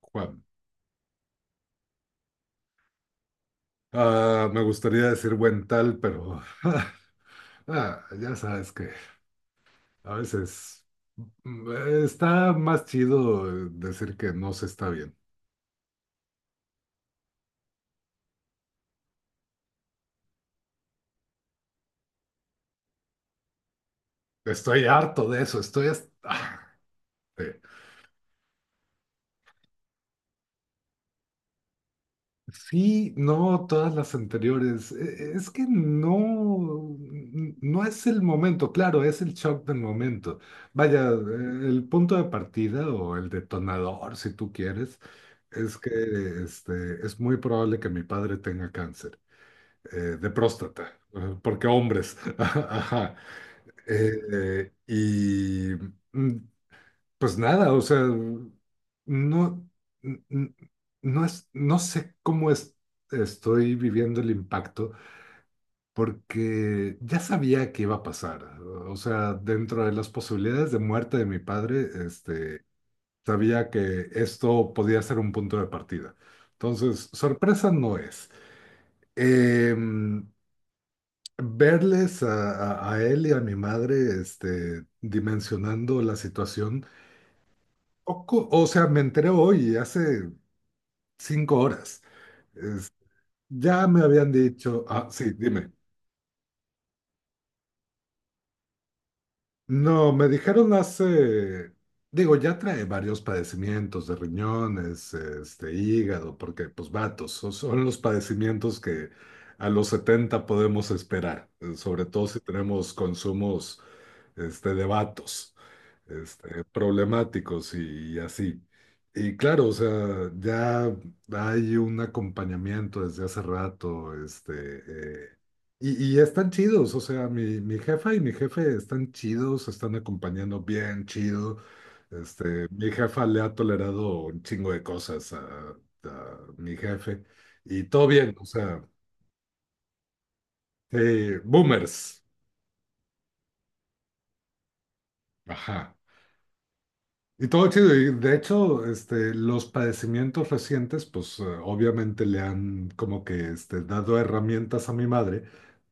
Juan. Me gustaría decir buen tal, pero ya sabes que a veces mm, está más chido decir que no se está bien. Estoy harto de eso, sí. Sí, no, todas las anteriores. Es que no, no es el momento, claro, es el shock del momento. Vaya, el punto de partida o el detonador, si tú quieres, es que es muy probable que mi padre tenga cáncer de próstata, porque hombres. Ajá. Y mm, pues nada, o sea, no, n- n- no es, no sé cómo es, estoy viviendo el impacto, porque ya sabía que iba a pasar. O sea, dentro de las posibilidades de muerte de mi padre, sabía que esto podía ser un punto de partida. Entonces, sorpresa no es. Em, Verles a él y a mi madre, dimensionando la situación. Poco, o sea, me enteré hoy, hace 5 horas. Es- ya me habían dicho, sí, dime. No, me dijeron hace, digo, ya trae varios padecimientos de riñones, hígado, porque pues vatos, son los padecimientos que a los 70 podemos esperar, sobre todo si tenemos consumos, de vatos, problemáticos y así. Y claro, o sea, ya hay un acompañamiento desde hace rato, eh, y están chidos, o sea, mi jefa y mi jefe están chidos, están acompañando bien chido. Mi jefa le ha tolerado un chingo de cosas a mi jefe y todo bien, o sea, boomers. Ajá. Y todo chido. Y de hecho, los padecimientos recientes, pues obviamente le han como que dado herramientas a mi madre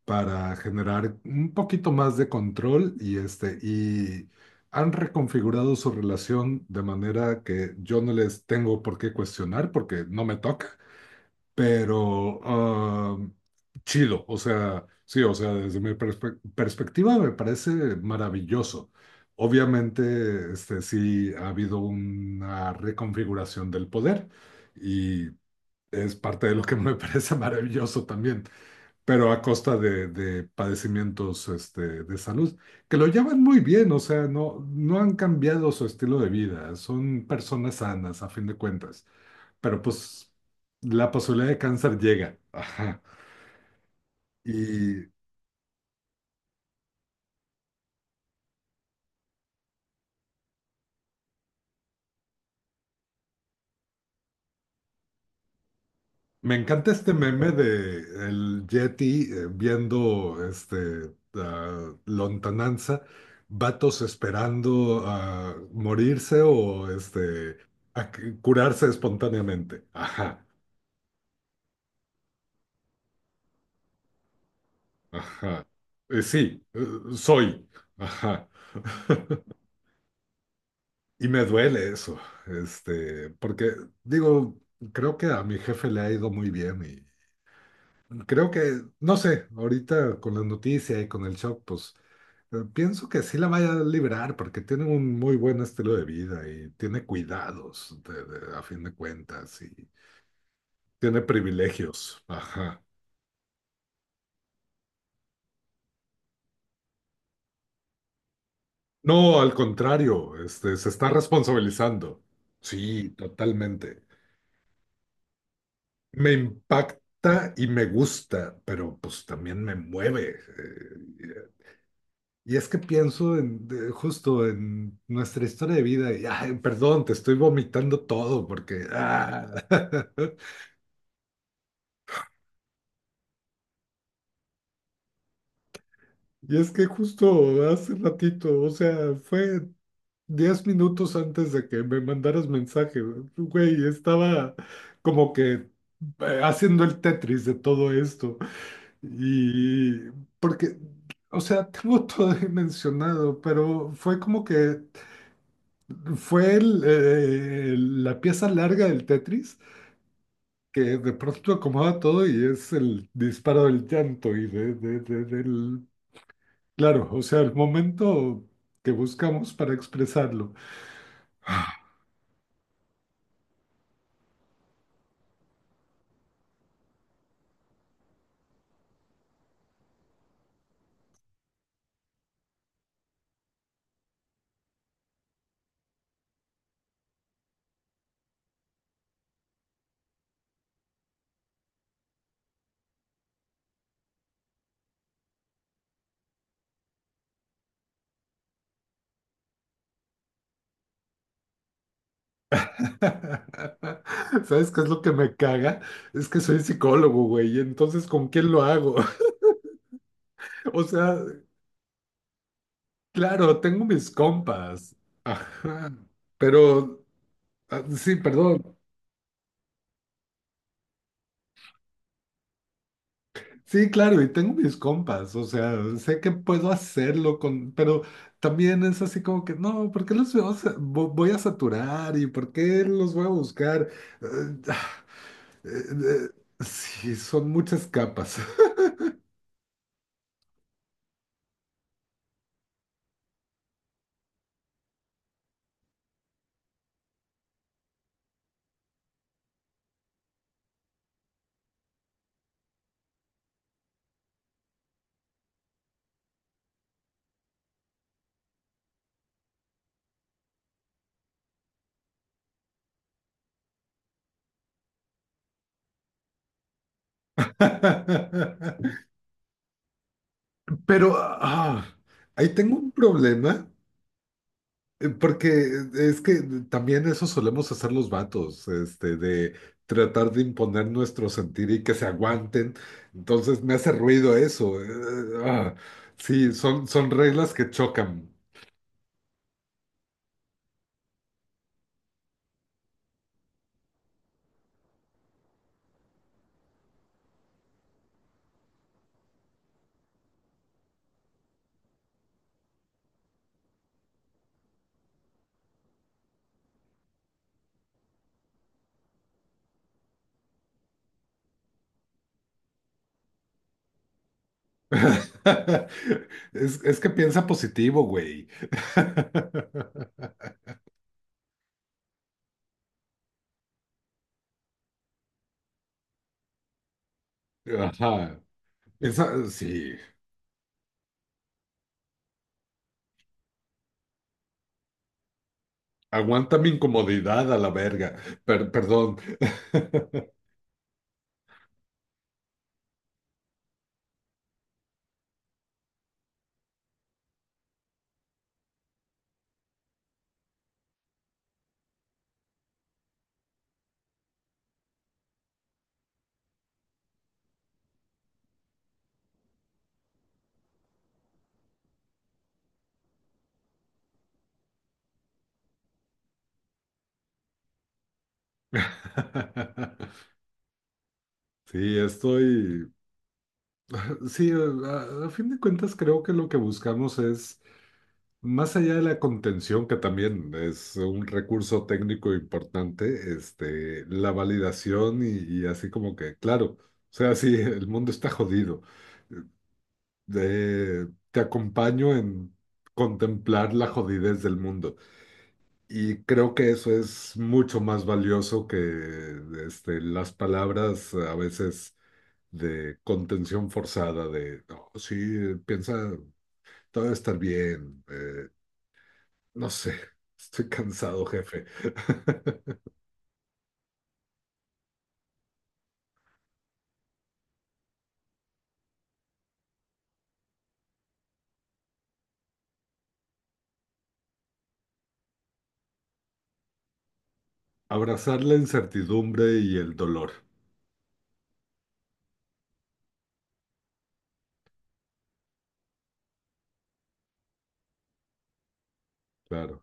para generar un poquito más de control y, y han reconfigurado su relación de manera que yo no les tengo por qué cuestionar porque no me toca, pero chido, o sea, sí, o sea, desde mi perspectiva me parece maravilloso. Obviamente, este sí ha habido una reconfiguración del poder y es parte de lo que me parece maravilloso también, pero a costa de padecimientos, de salud, que lo llevan muy bien, o sea, no, no han cambiado su estilo de vida, son personas sanas a fin de cuentas, pero pues la posibilidad de cáncer llega. Ajá. Y me encanta este meme de el Yeti viendo lontananza, vatos esperando a morirse o este curarse espontáneamente. Ajá, ajá. Sí, soy. Ajá. Y me duele eso, porque digo, creo que a mi jefe le ha ido muy bien. Creo que, no sé, ahorita con las noticias y con el shock, pues pienso que sí la vaya a liberar porque tiene un muy buen estilo de vida y tiene cuidados a fin de cuentas y tiene privilegios. Ajá. No, al contrario, se está responsabilizando. Sí, totalmente. Me impacta y me gusta, pero pues también me mueve. eh, Y es que pienso en, justo en nuestra historia de vida y, ay, perdón, te estoy vomitando todo porque... ah. Y es que justo hace ratito, o sea, fue 10 minutos antes de que me mandaras mensaje, güey, estaba como que haciendo el Tetris de todo esto. Y porque, o sea, tengo todo dimensionado, pero fue como que fue la pieza larga del Tetris que de pronto acomoda todo y es el disparo del llanto y del... Claro, o sea, el momento que buscamos para expresarlo. ¿Sabes qué es lo que me caga? Es que soy psicólogo, güey, y entonces, ¿con quién lo hago? O sea, claro, tengo mis compas. Ajá, pero... sí, perdón. Sí, claro, y tengo mis compas, o sea, sé que puedo hacerlo con, pero también es así como que, no, ¿por qué los voy voy a saturar y por qué los voy a buscar? Eh, ah, sí, son muchas capas. Pero ahí tengo un problema. Porque es que también eso solemos hacer los vatos, de tratar de imponer nuestro sentir y que se aguanten. Entonces me hace ruido eso. Ah, sí, son, son reglas que chocan. Es que piensa positivo, güey. Ajá. Esa, sí. Aguanta mi incomodidad a la verga. Perdón. Sí, estoy. Sí, a fin de cuentas creo que lo que buscamos es, más allá de la contención, que también es un recurso técnico importante, la validación y así como que, claro, o sea, sí, el mundo está jodido. De, te acompaño en contemplar la jodidez del mundo. Y creo que eso es mucho más valioso que las palabras a veces de contención forzada, de, "No, sí, piensa. Todo va a estar bien. No sé, estoy cansado, jefe. Abrazar la incertidumbre y el dolor, claro.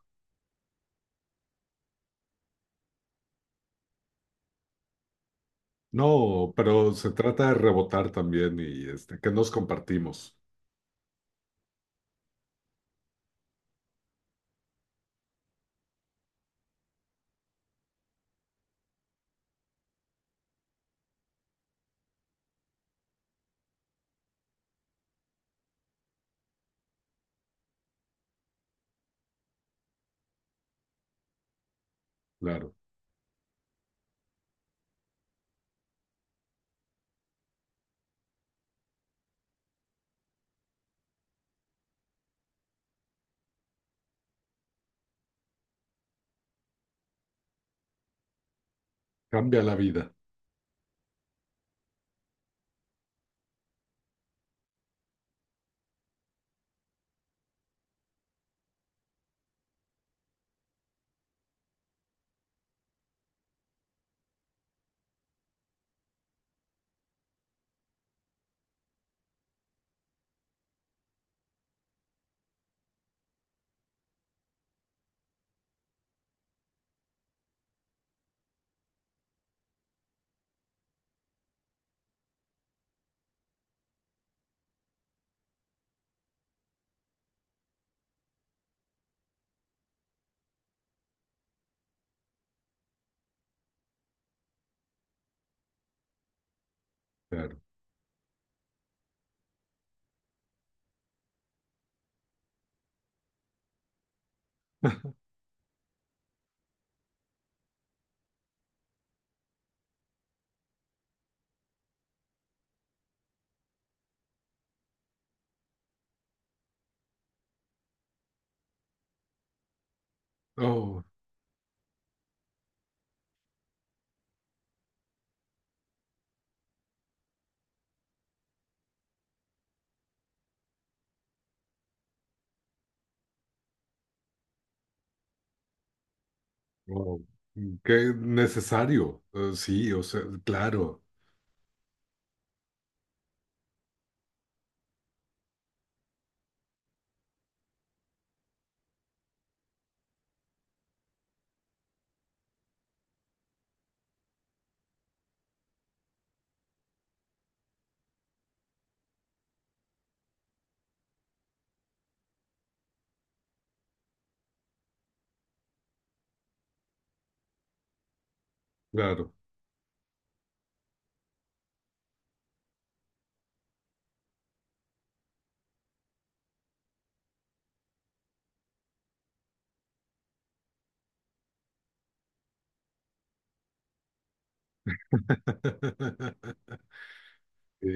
No, pero se trata de rebotar también y que nos compartimos, claro. Cambia la vida, claro. Oh, wow, qué necesario. Sí, o sea, claro, claro. Sí,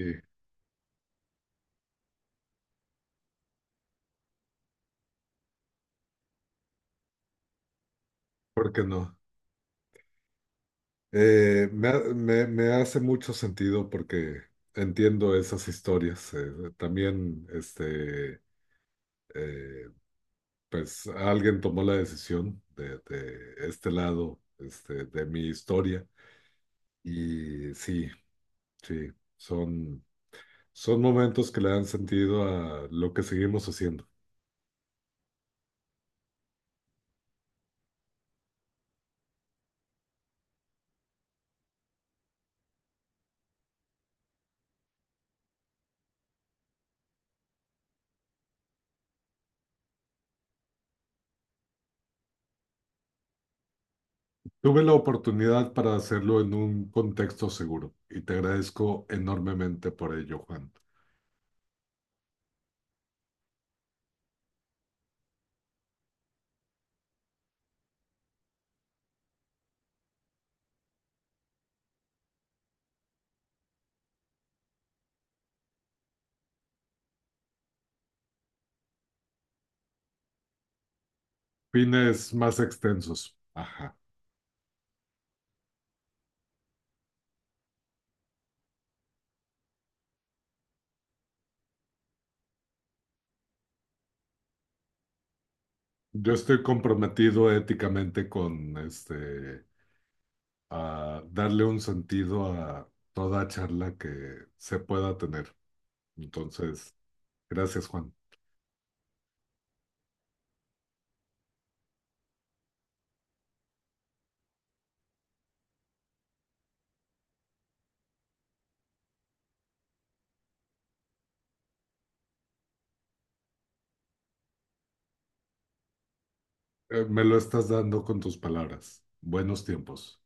¿por qué no? Me hace mucho sentido porque entiendo esas historias. También, eh, pues alguien tomó la decisión de este lado, de mi historia. Y sí, sí, son, son momentos que le dan sentido a lo que seguimos haciendo. Tuve la oportunidad para hacerlo en un contexto seguro y te agradezco enormemente por ello, Juan. Fines más extensos. Ajá. Yo estoy comprometido éticamente con a darle un sentido a toda charla que se pueda tener. Entonces, gracias, Juan. Me lo estás dando con tus palabras. Buenos tiempos.